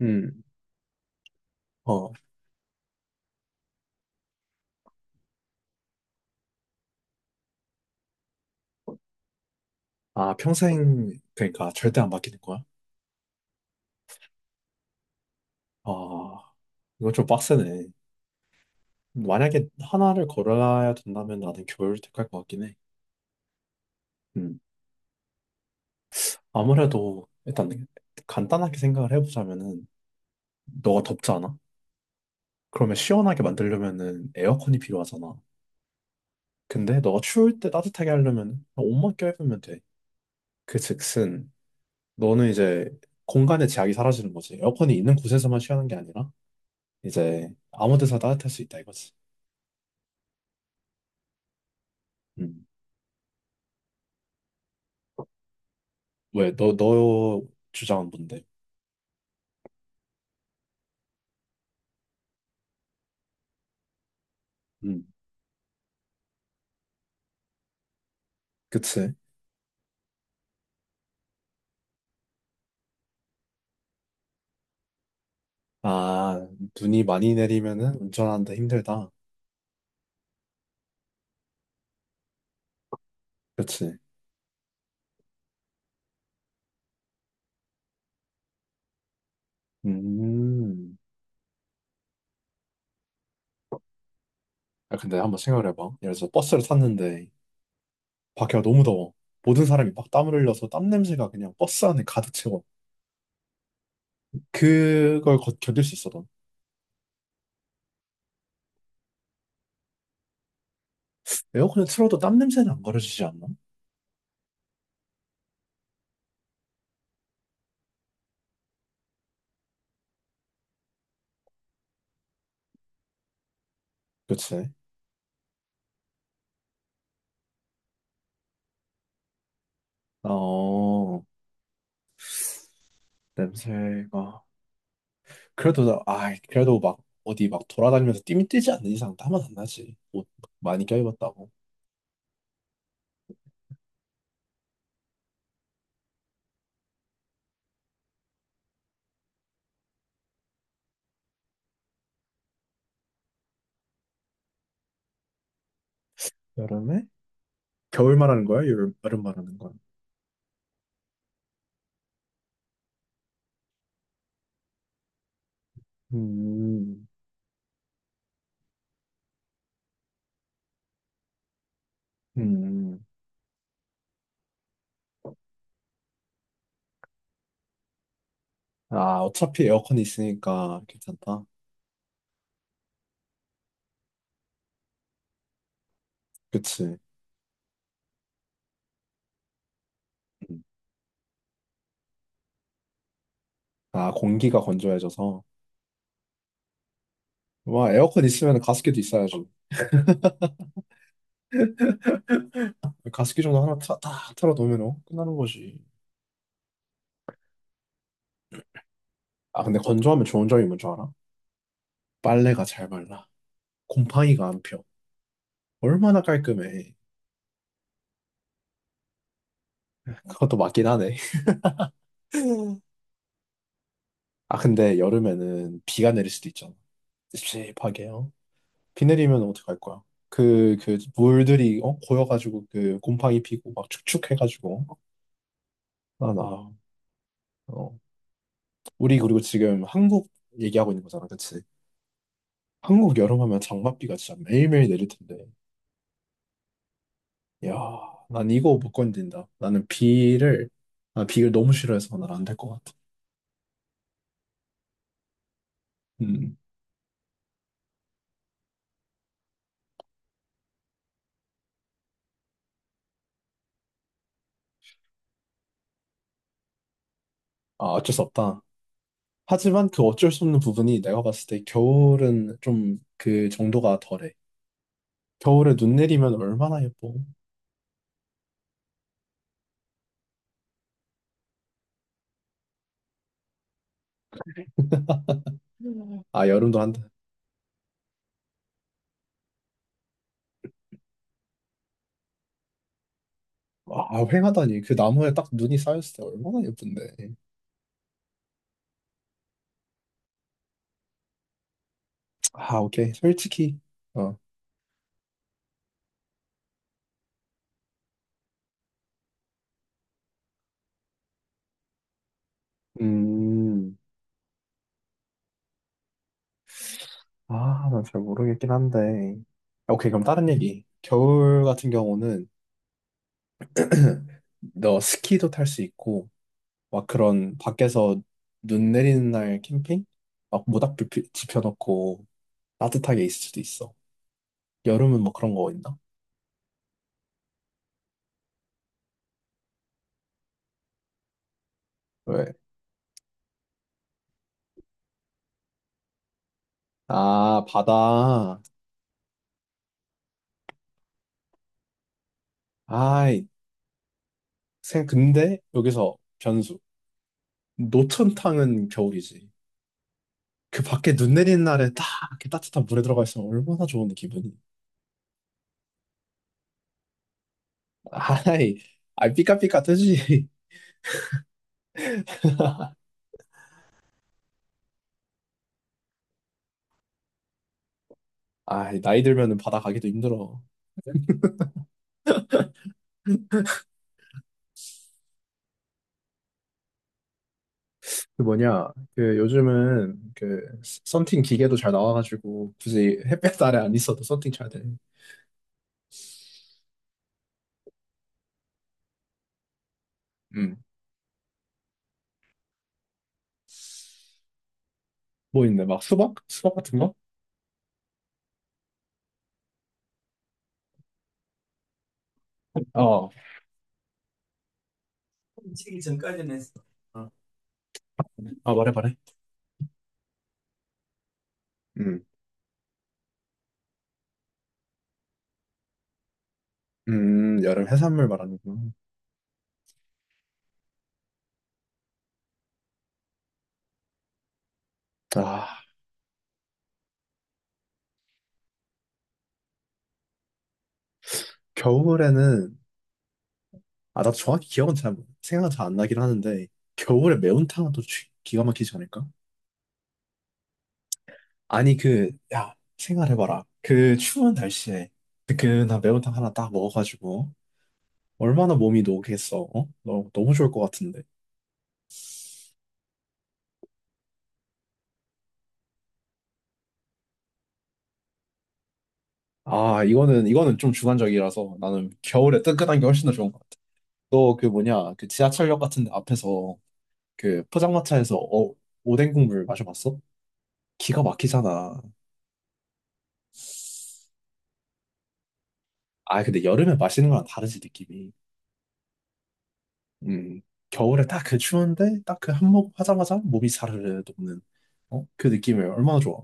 음, 어, 아, 평생, 그러니까 절대 안 바뀌는 거야? 아, 이건 좀 빡세네. 만약에 하나를 걸어야 된다면 나는 겨울을 택할 것 같긴 해. 음, 아무래도 일단 간단하게 생각을 해보자면은 너가 덥잖아? 그러면 시원하게 만들려면은 에어컨이 필요하잖아. 근데 너가 추울 때 따뜻하게 하려면 옷만 껴입으면 돼. 그 즉슨 너는 이제 공간의 제약이 사라지는 거지. 에어컨이 있는 곳에서만 시원한 게 아니라 이제 아무 데서 따뜻할 수 있다 이거지. 음. 왜, 너 주장은 뭔데? 음. 그치? 아, 눈이 많이 내리면은 운전하는데 힘들다. 그치? 음. 아, 근데 한번 생각해봐. 예를 들어서 버스를 탔는데 밖에가 너무 더워. 모든 사람이 막 땀을 흘려서 땀 냄새가 그냥 버스 안에 가득 채워. 그걸 견딜 수 있어도 에어컨을 틀어도 땀 냄새는 안 가려지지 않나? 그치? 어, 냄새가. 그래도 막 어디 막 돌아다니면서 띠미 뛰지 않는 이상 땀은 안 나지. 옷 많이 껴입었다고. 여름에? 겨울 말하는 거야? 여름 말하는 거야? 음, 음. 아, 어차피 에어컨이 있으니까 괜찮다. 그치. 음. 아, 공기가 건조해져서. 와, 에어컨 있으면 가습기도 있어야지. 가습기 정도 하나 딱 틀어놓으면 끝나는 거지. 아, 근데 건조하면 좋은 점이 뭔 줄 알아? 빨래가 잘 말라. 곰팡이가 안 펴. 얼마나 깔끔해. 그것도 맞긴 하네. 아, 근데 여름에는 비가 내릴 수도 있잖아. 씹씹하게요. 비 내리면 어떡할 거야? 물들이, 고여가지고, 곰팡이 피고, 막 축축해가지고. 아, 나, 어. 우리, 그리고 지금 한국 얘기하고 있는 거잖아, 그치? 한국 여름하면 장맛비가 진짜 매일매일 내릴 텐데. 야, 난 이거 못 견딘다. 난 비를 너무 싫어해서 난 안 될 것 같아. 음. 아, 어쩔 수 없다. 하지만 그 어쩔 수 없는 부분이 내가 봤을 때 겨울은 좀 그 정도가 덜해. 겨울에 눈 내리면 얼마나 예뻐. 음. 아, 여름도 한다. 아, 휑하다니. 그 나무에 딱 눈이 쌓였을 때 얼마나 예쁜데. 아, 오케이. 솔직히. 어. 음. 아, 난 잘 모르겠긴 한데. 오케이, 그럼 다른 얘기. 겨울 같은 경우는 너 스키도 탈 수 있고, 막 그런 밖에서 눈 내리는 날 캠핑? 막 모닥불 지펴놓고 따뜻하게 있을 수도 있어. 여름은 뭐 그런 거 있나? 왜? 아, 바다. 아이, 근데 여기서 변수. 노천탕은 겨울이지. 그 밖에 눈 내리는 날에 딱 이렇게 따뜻한 물에 들어가 있으면 얼마나 좋은 기분이. 아이, 아이, 삐까삐까뜨지. 아이, 나이 들면은 바다 가기도 힘들어. 그 뭐냐, 그 요즘은 그 썬팅 기계도 잘 나와가지고 굳이 햇볕 아래 안 있어도 썬팅 쳐야 돼. 음. 뭐 있네, 막 수박? 수박 같은 거? 어, 치기 전까지는 했어. 어. 아, 말해, 말해. 음, 여름 해산물 말하는구나. 아, 겨울에는, 아, 나도 정확히 기억은 잘, 생각은 잘 안 나긴 하는데, 겨울에 매운탕은 또 기가 막히지 않을까? 아니, 야, 생각해봐라. 그 추운 날씨에 뜨끈한 매운탕 하나 딱 먹어가지고, 얼마나 몸이 녹겠어, 어? 너무, 너무 좋을 것 같은데. 아, 이거는 좀 주관적이라서 나는 겨울에 뜨끈한 게 훨씬 더 좋은 것 같아. 너 그 뭐냐, 그 지하철역 같은 데 앞에서 그 포장마차에서 오뎅 국물 마셔봤어? 기가 막히잖아. 아, 근데 여름에 마시는 거랑 다르지, 느낌이. 음, 겨울에 딱 그 추운데 딱 그 한몫 하자마자 몸이 사르르 녹는 어? 그 느낌이 얼마나 좋아.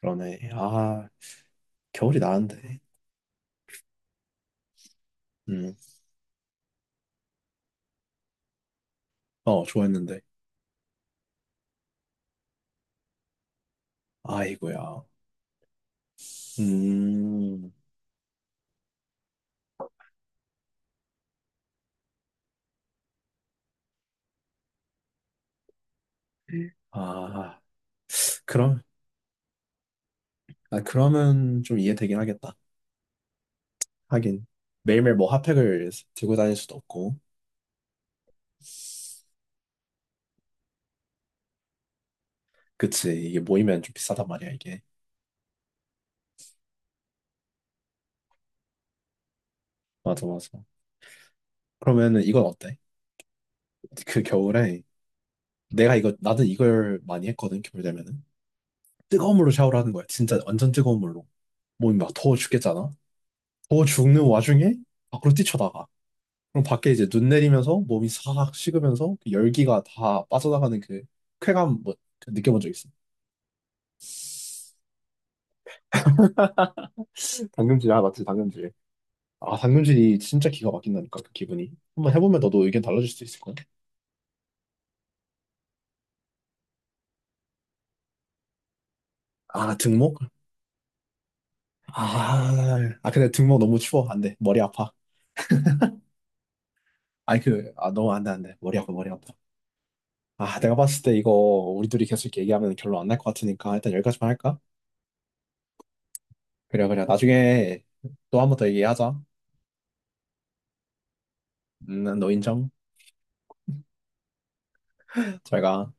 그러네. 아, 겨울이 나은데. 음, 좋아했는데. 아이고야. 음, 아, 그럼, 그러면 좀 이해되긴 하겠다. 하긴. 매일매일 뭐 핫팩을 들고 다닐 수도 없고. 그치. 이게 모이면 좀 비싸단 말이야, 이게. 맞아, 맞아. 그러면은 이건 어때? 그 겨울에 내가 이거 나는 이걸 많이 했거든 겨울 되면은 뜨거운 물로 샤워를 하는 거야 진짜 완전 뜨거운 물로 몸이 막 더워 죽겠잖아 더워 죽는 와중에 밖으로 뛰쳐나가 그럼 밖에 이제 눈 내리면서 몸이 싹 식으면서 그 열기가 다 빠져나가는 그 쾌감 뭐그 느껴본 적 있어? 당금질, 아, 맞지, 당금질. 아 당근질이 진짜 기가 막힌다니까 그 기분이 한번 해보면 너도 의견 달라질 수 있을 거야 아 등목? 아, 근데 등목 너무 추워 안돼 머리 아파 아니 너무 안 돼, 안 돼. 머리 아파, 머리 아파. 아, 내가 봤을 때 이거 우리 둘이 계속 이렇게 얘기하면 결론 안 날 것 같으니까 일단 여기까지만 할까? 그래, 그래. 나중에 또 한 번 더 얘기하자. 난너 인정? 잘 가.